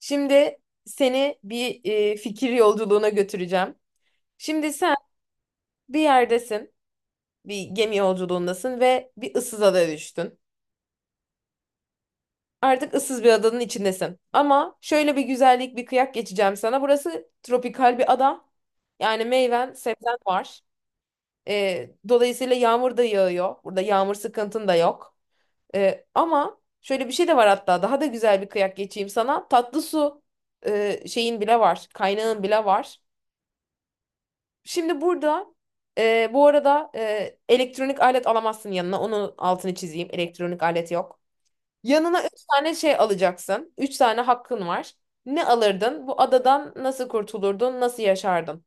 Şimdi seni bir fikir yolculuğuna götüreceğim. Şimdi sen bir yerdesin, bir gemi yolculuğundasın ve bir ıssız adaya düştün. Artık ıssız bir adanın içindesin. Ama şöyle bir güzellik, bir kıyak geçeceğim sana. Burası tropikal bir ada. Yani meyven, sebzen var. Dolayısıyla yağmur da yağıyor. Burada yağmur sıkıntın da yok. Ama şöyle bir şey de var hatta. Daha da güzel bir kıyak geçeyim sana. Tatlı su şeyin bile var. Kaynağın bile var. Şimdi burada bu arada elektronik alet alamazsın yanına. Onun altını çizeyim. Elektronik alet yok. Yanına üç tane şey alacaksın. Üç tane hakkın var. Ne alırdın? Bu adadan nasıl kurtulurdun? Nasıl yaşardın?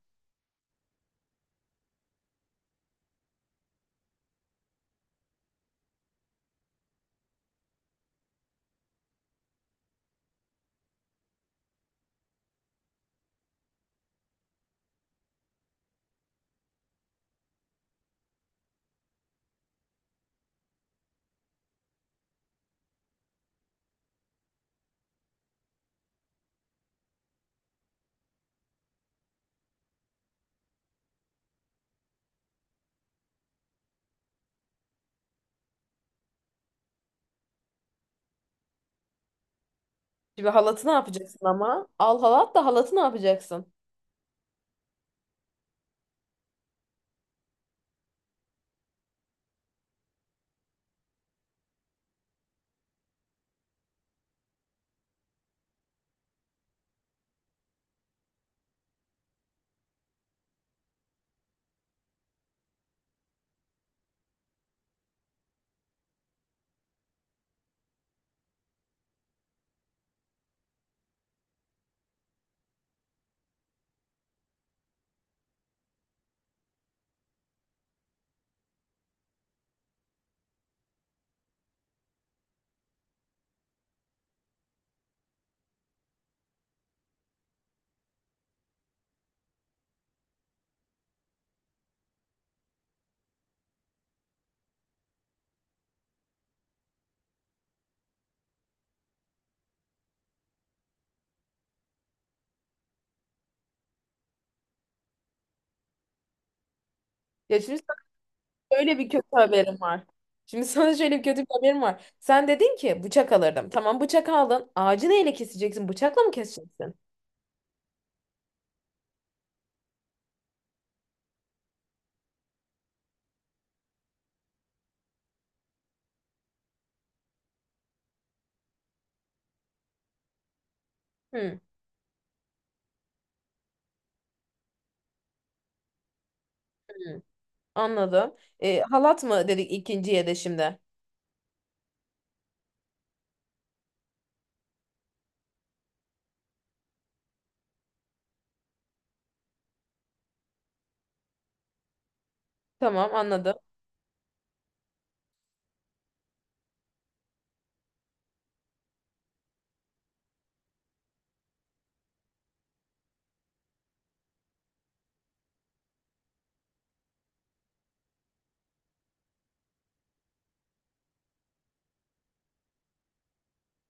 Şimdi halatı ne yapacaksın ama? Al halat da halatı ne yapacaksın? Ya şimdi sana böyle bir kötü haberim var. Şimdi sana şöyle bir kötü bir haberim var. Sen dedin ki bıçak alırdım. Tamam bıçak aldın. Ağacı neyle keseceksin? Bıçakla mı keseceksin? Hmm. Anladım. Halat mı dedik ikinciye de şimdi? Tamam anladım.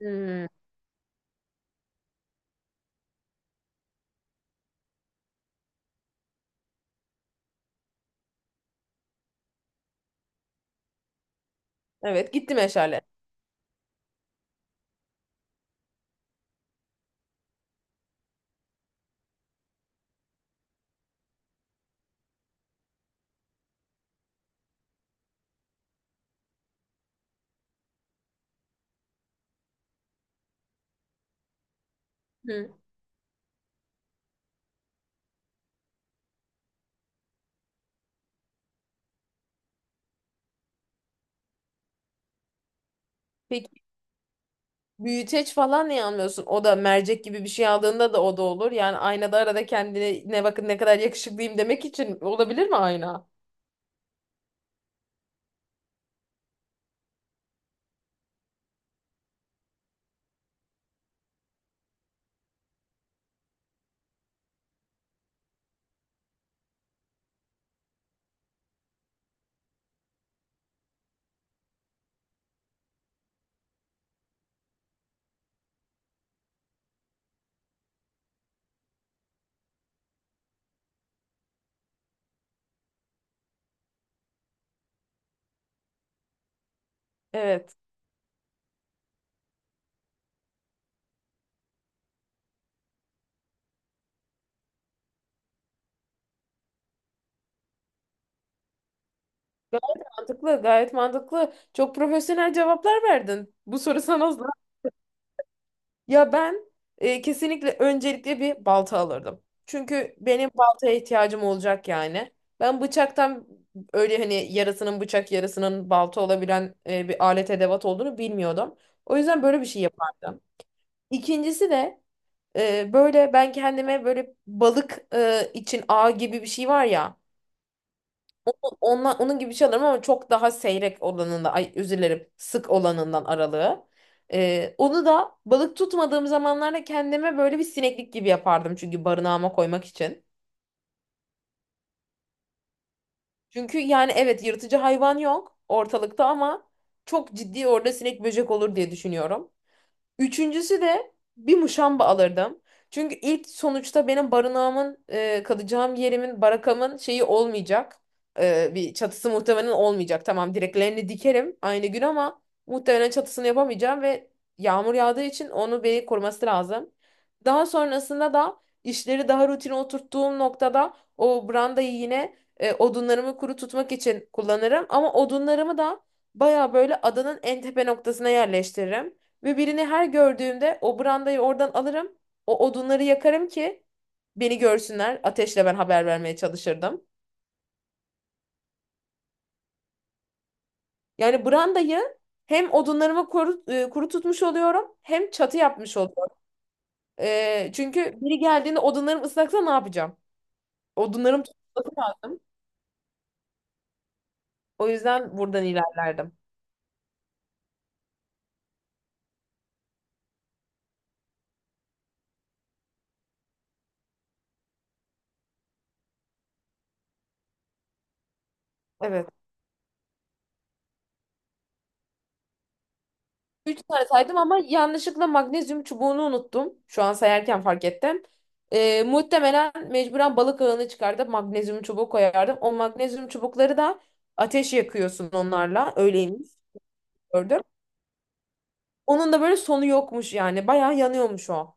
Hmm. Evet gitti meşale. Hı. Peki büyüteç falan niye almıyorsun? O da mercek gibi bir şey aldığında da o da olur. Yani aynada arada kendine ne bakın ne kadar yakışıklıyım demek için olabilir mi ayna? Evet. Gayet mantıklı, gayet mantıklı. Çok profesyonel cevaplar verdin. Bu soru sana zor. Ya ben kesinlikle öncelikle bir balta alırdım. Çünkü benim baltaya ihtiyacım olacak yani. Ben bıçaktan öyle hani yarısının bıçak yarısının balta olabilen bir alet edevat olduğunu bilmiyordum. O yüzden böyle bir şey yapardım. İkincisi de böyle ben kendime böyle balık için ağ gibi bir şey var ya. Onla, onun gibi bir şey alırım ama çok daha seyrek olanında, ay özür dilerim, sık olanından aralığı. Onu da balık tutmadığım zamanlarda kendime böyle bir sineklik gibi yapardım çünkü barınağıma koymak için. Çünkü yani evet yırtıcı hayvan yok ortalıkta ama çok ciddi orada sinek böcek olur diye düşünüyorum. Üçüncüsü de bir muşamba alırdım. Çünkü ilk sonuçta benim barınağımın, kalacağım yerimin, barakamın şeyi olmayacak. Bir çatısı muhtemelen olmayacak. Tamam direklerini dikerim aynı gün ama muhtemelen çatısını yapamayacağım ve yağmur yağdığı için onu beni koruması lazım. Daha sonrasında da işleri daha rutine oturttuğum noktada o brandayı yine odunlarımı kuru tutmak için kullanırım. Ama odunlarımı da baya böyle adanın en tepe noktasına yerleştiririm. Ve birini her gördüğümde o brandayı oradan alırım. O odunları yakarım ki beni görsünler. Ateşle ben haber vermeye çalışırdım. Yani brandayı hem odunlarımı kuru, tutmuş oluyorum hem çatı yapmış oluyorum. Çünkü biri geldiğinde odunlarım ıslaksa ne yapacağım? Odunlarım tutması lazım. O yüzden buradan ilerlerdim. Evet. Üç tane saydım ama yanlışlıkla magnezyum çubuğunu unuttum. Şu an sayarken fark ettim. Muhtemelen mecburen balık ağını çıkardım. Magnezyum çubuğu koyardım. O magnezyum çubukları da ateş yakıyorsun onlarla. Öyleymiş gördüm. Onun da böyle sonu yokmuş yani. Bayağı yanıyormuş o.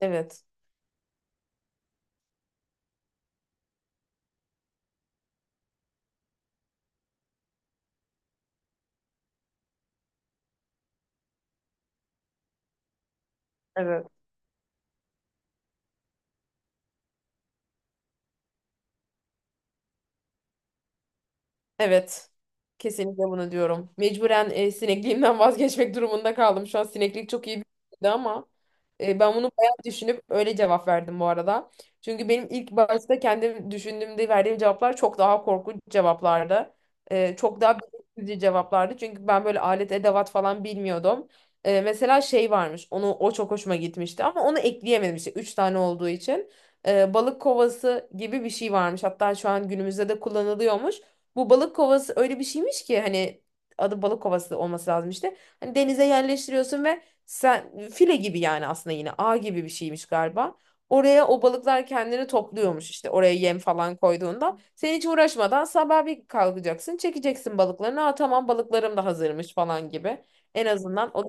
Evet. Evet. Evet. Kesinlikle bunu diyorum. Mecburen sinekliğimden vazgeçmek durumunda kaldım. Şu an sineklik çok iyi bir şeydi ama ben bunu bayağı düşünüp öyle cevap verdim bu arada. Çünkü benim ilk başta kendim düşündüğümde verdiğim cevaplar çok daha korkunç cevaplardı. Çok daha bilinçsizce cevaplardı. Çünkü ben böyle alet edevat falan bilmiyordum. Mesela şey varmış. Onu o çok hoşuma gitmişti ama onu ekleyemedim işte 3 tane olduğu için. Balık kovası gibi bir şey varmış. Hatta şu an günümüzde de kullanılıyormuş. Bu balık kovası öyle bir şeymiş ki hani adı balık kovası olması lazım işte. Hani denize yerleştiriyorsun ve sen file gibi yani aslında yine ağ gibi bir şeymiş galiba. Oraya o balıklar kendini topluyormuş işte oraya yem falan koyduğunda. Sen hiç uğraşmadan sabah bir kalkacaksın çekeceksin balıklarını. Aa tamam balıklarım da hazırmış falan gibi. En azından o.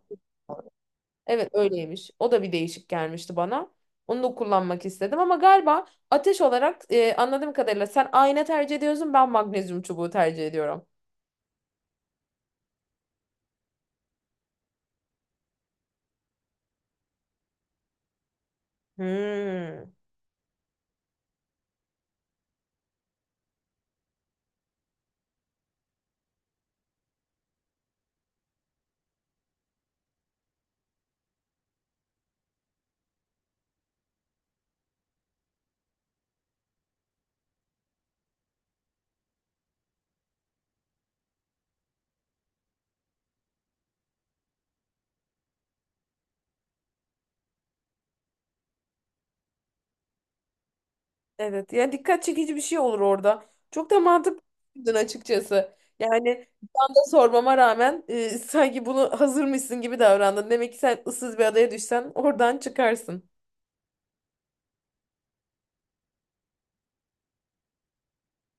Evet öyleymiş. O da bir değişik gelmişti bana. Onu da kullanmak istedim ama galiba ateş olarak anladığım kadarıyla sen ayna tercih ediyorsun ben magnezyum çubuğu tercih ediyorum. Hmm. Evet yani dikkat çekici bir şey olur orada. Çok da mantıklıydın açıkçası. Yani ben de sormama rağmen sanki bunu hazırmışsın gibi davrandın. Demek ki sen ıssız bir adaya düşsen oradan çıkarsın.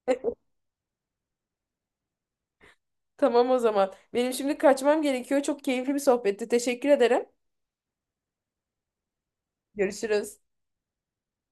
Tamam o zaman. Benim şimdi kaçmam gerekiyor. Çok keyifli bir sohbetti. Teşekkür ederim. Görüşürüz.